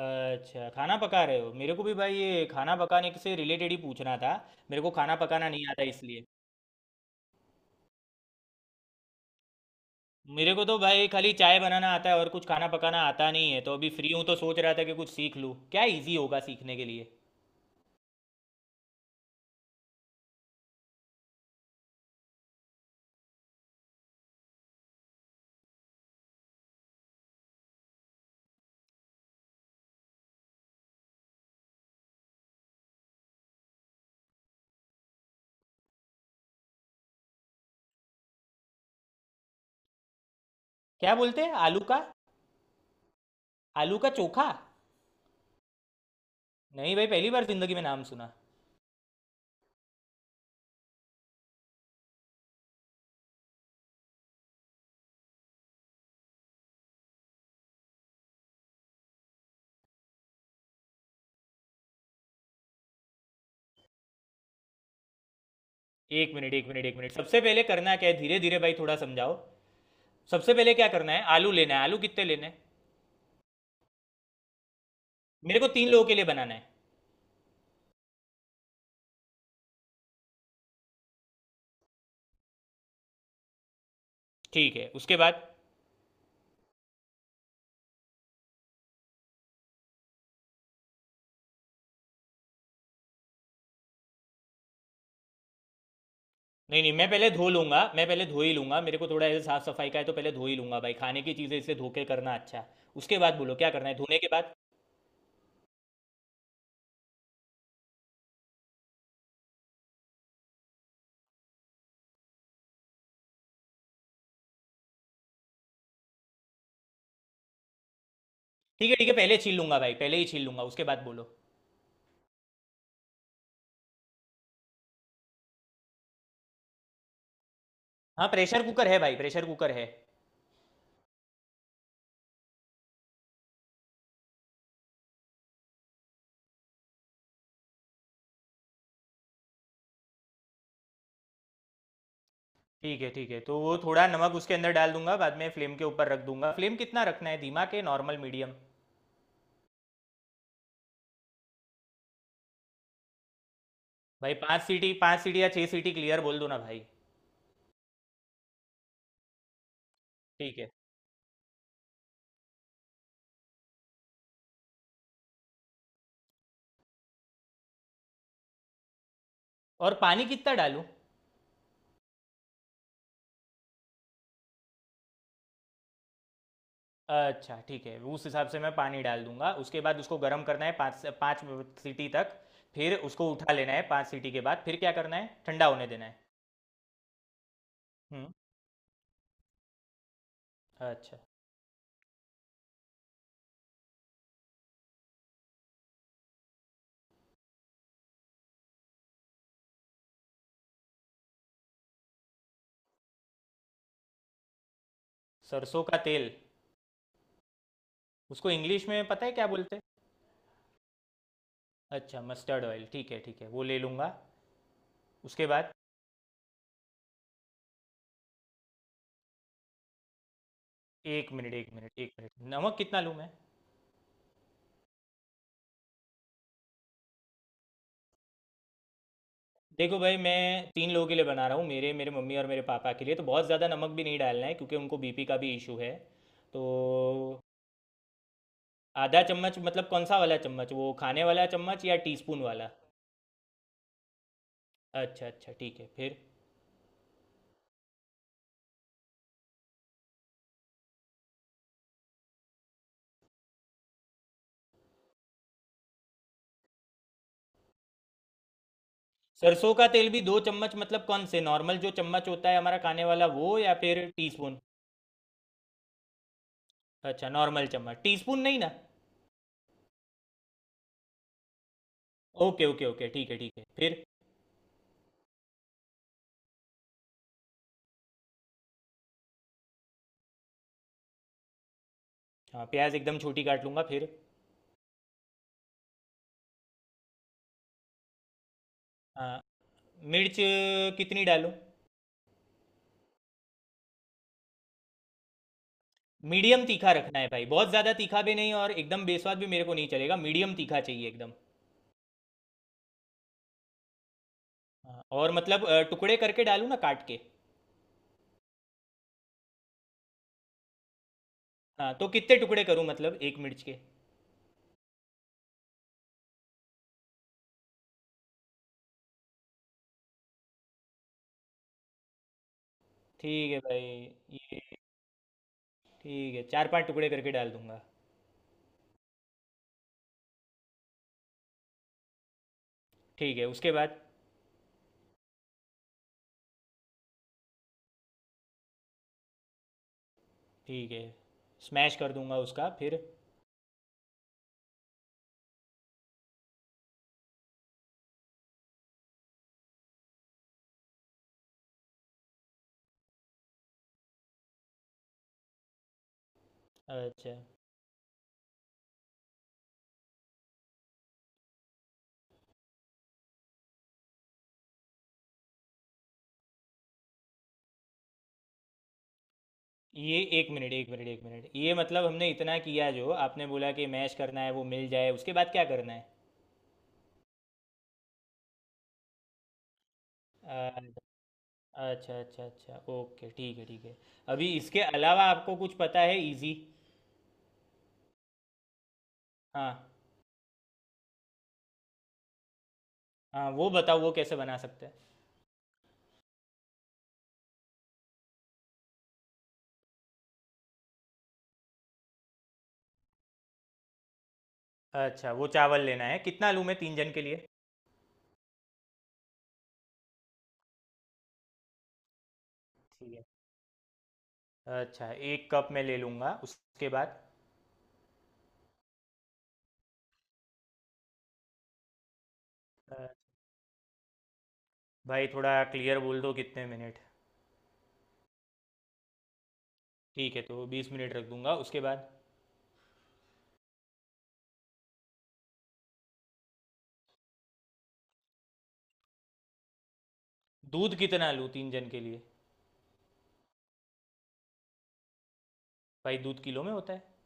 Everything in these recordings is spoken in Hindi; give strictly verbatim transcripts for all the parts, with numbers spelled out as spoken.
अच्छा, खाना पका रहे हो। मेरे को भी भाई ये खाना पकाने से रिलेटेड ही पूछना था। मेरे को खाना पकाना नहीं आता इसलिए। मेरे को तो भाई खाली चाय बनाना आता है और कुछ खाना पकाना आता नहीं है, तो अभी फ्री हूँ तो सोच रहा था कि कुछ सीख लूँ, क्या इजी होगा सीखने के लिए। क्या बोलते हैं, आलू का? आलू का चोखा? नहीं भाई, पहली बार जिंदगी में नाम सुना। एक मिनट एक मिनट एक मिनट, सबसे पहले करना क्या है, धीरे धीरे भाई थोड़ा समझाओ। सबसे पहले क्या करना है? आलू लेना है। आलू कितने लेने हैं? मेरे को तीन लोगों के लिए बनाना है। ठीक है, उसके बाद? नहीं, नहीं, मैं पहले धो लूँगा, मैं पहले धो ही लूँगा, मेरे को थोड़ा ऐसे साफ़-सफ़ाई का है तो पहले धो ही लूँगा भाई, खाने की चीज़ें इसलिए धो के करना अच्छा। उसके बाद बोलो क्या करना है? धोने के बाद? ठीक है, ठीक है, पहले छील लूँगा भाई, पहले ही छील लूँगा, उसके बाद बोलो। हाँ, प्रेशर कुकर है भाई, प्रेशर कुकर है। ठीक है, ठीक है, तो वो थोड़ा नमक उसके अंदर डाल दूँगा, बाद में फ्लेम के ऊपर रख दूँगा। फ्लेम कितना रखना है, धीमा के नॉर्मल, मीडियम? भाई पाँच सीटी पाँच सीटी या छह सीटी, क्लियर बोल दो ना भाई। ठीक है, और पानी कितना डालूँ? अच्छा ठीक है, उस हिसाब से मैं पानी डाल दूंगा। उसके बाद उसको गर्म करना है पाँच से पाँच सीटी तक, फिर उसको उठा लेना है पाँच सीटी के बाद। फिर क्या करना है, ठंडा होने देना है? हम्म। अच्छा। सरसों का तेल, उसको इंग्लिश में पता है क्या बोलते हैं? अच्छा, मस्टर्ड ऑयल, ठीक है ठीक है वो ले लूँगा। उसके बाद? एक मिनट एक मिनट एक मिनट, नमक कितना लूँ मैं? देखो भाई मैं तीन लोगों के लिए बना रहा हूँ, मेरे मेरे मम्मी और मेरे पापा के लिए, तो बहुत ज़्यादा नमक भी नहीं डालना है क्योंकि उनको बीपी का भी इशू है। तो आधा चम्मच मतलब कौन सा वाला चम्मच, वो खाने वाला चम्मच या टीस्पून वाला? अच्छा अच्छा ठीक है फिर। सरसों का तेल भी दो चम्मच मतलब कौन से, नॉर्मल जो चम्मच होता है हमारा खाने वाला वो या फिर टीस्पून? अच्छा, नॉर्मल चम्मच, टीस्पून नहीं ना? ओके ओके ओके ठीक है ठीक है फिर। हाँ, प्याज एकदम छोटी काट लूँगा फिर। हाँ। मिर्च अ, कितनी डालूँ? मीडियम तीखा रखना है भाई, बहुत ज़्यादा तीखा भी नहीं और एकदम बेस्वाद भी मेरे को नहीं चलेगा, मीडियम तीखा चाहिए एकदम। हाँ, और मतलब अ, टुकड़े करके डालूँ ना, काट के? हाँ, तो कितने टुकड़े करूँ मतलब एक मिर्च के? ठीक है भाई। ये ठीक है, चार पांच टुकड़े करके डाल दूंगा। ठीक है उसके बाद? ठीक है, स्मैश कर दूंगा उसका फिर। अच्छा। ये एक मिनट एक मिनट एक मिनट, ये मतलब हमने इतना किया जो आपने बोला कि मैश करना है, वो मिल जाए, उसके बाद क्या करना है? अच्छा। अच्छा अच्छा अच्छा, ओके ठीक है ठीक है। अभी इसके अलावा आपको कुछ पता है इजी? हाँ। हाँ वो बताओ, वो कैसे बना सकते हैं? अच्छा, वो चावल लेना है, कितना लूँ मैं तीन जन के लिए? ठीक है। अच्छा, एक कप मैं ले लूँगा। उसके बाद? अ, भाई थोड़ा क्लियर बोल दो कितने मिनट? ठीक है, तो बीस मिनट रख दूंगा। उसके बाद? दूध कितना लूँ तीन जन के लिए? भाई दूध किलो में होता है?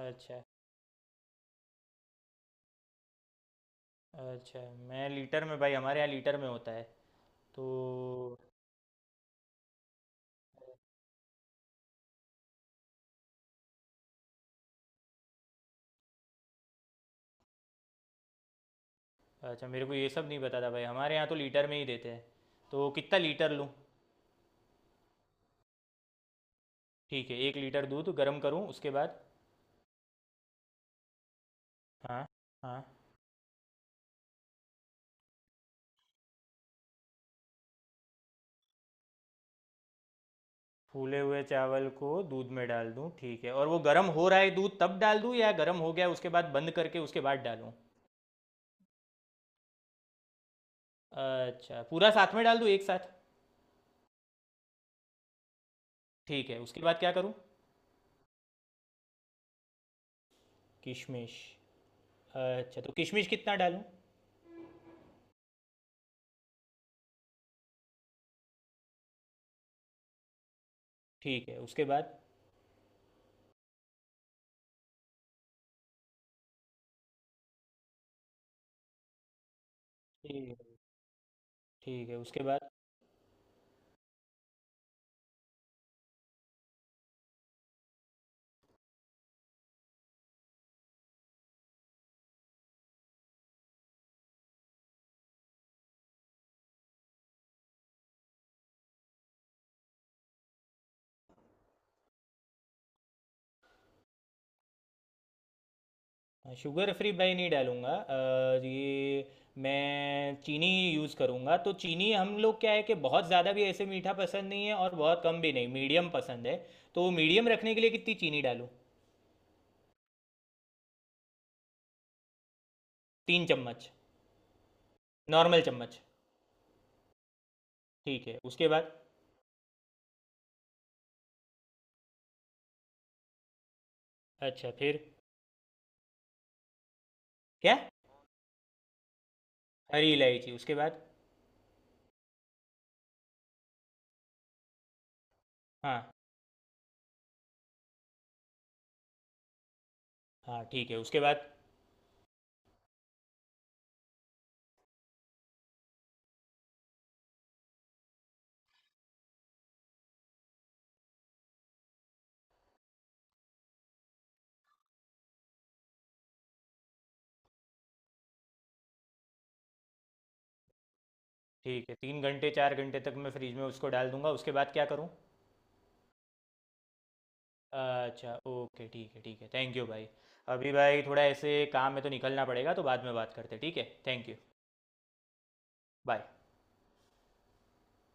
अच्छा। अच्छा, मैं लीटर में, भाई हमारे यहाँ लीटर में होता है तो। अच्छा, मेरे को ये सब नहीं पता था भाई, हमारे यहाँ तो लीटर में ही देते हैं। तो कितना लीटर लूँ? ठीक है, एक लीटर दूध गर्म करूँ, उसके बाद? हाँ। हाँ, फूले हुए चावल को दूध में डाल दूँ ठीक है, और वो गर्म हो रहा है दूध तब डाल दूँ या गर्म हो गया उसके बाद बंद करके उसके बाद डालूँ? अच्छा, पूरा साथ में डाल दूँ एक साथ? ठीक है उसके बाद क्या करूँ? किशमिश? अच्छा तो किशमिश कितना डालूं? ठीक है उसके बाद? ठीक है ठीक है उसके बाद? हाँ, शुगर फ्री भाई नहीं डालूंगा। अ, ये, मैं चीनी यूज़ करूंगा, तो चीनी, हम लोग क्या है कि बहुत ज़्यादा भी ऐसे मीठा पसंद नहीं है और बहुत कम भी नहीं, मीडियम पसंद है। तो मीडियम रखने के लिए कितनी चीनी डालूं? तीन चम्मच? नॉर्मल चम्मच? ठीक है उसके बाद? अच्छा फिर। क्या? हरी इलायची, उसके बाद? हाँ हाँ ठीक है उसके बाद? ठीक है, तीन घंटे चार घंटे तक मैं फ्रिज में उसको डाल दूंगा। उसके बाद क्या करूँ? अच्छा, ओके ठीक है ठीक है, थैंक यू भाई। अभी भाई थोड़ा ऐसे काम में तो निकलना पड़ेगा तो बाद में बात करते हैं, ठीक है थैंक यू। बाय।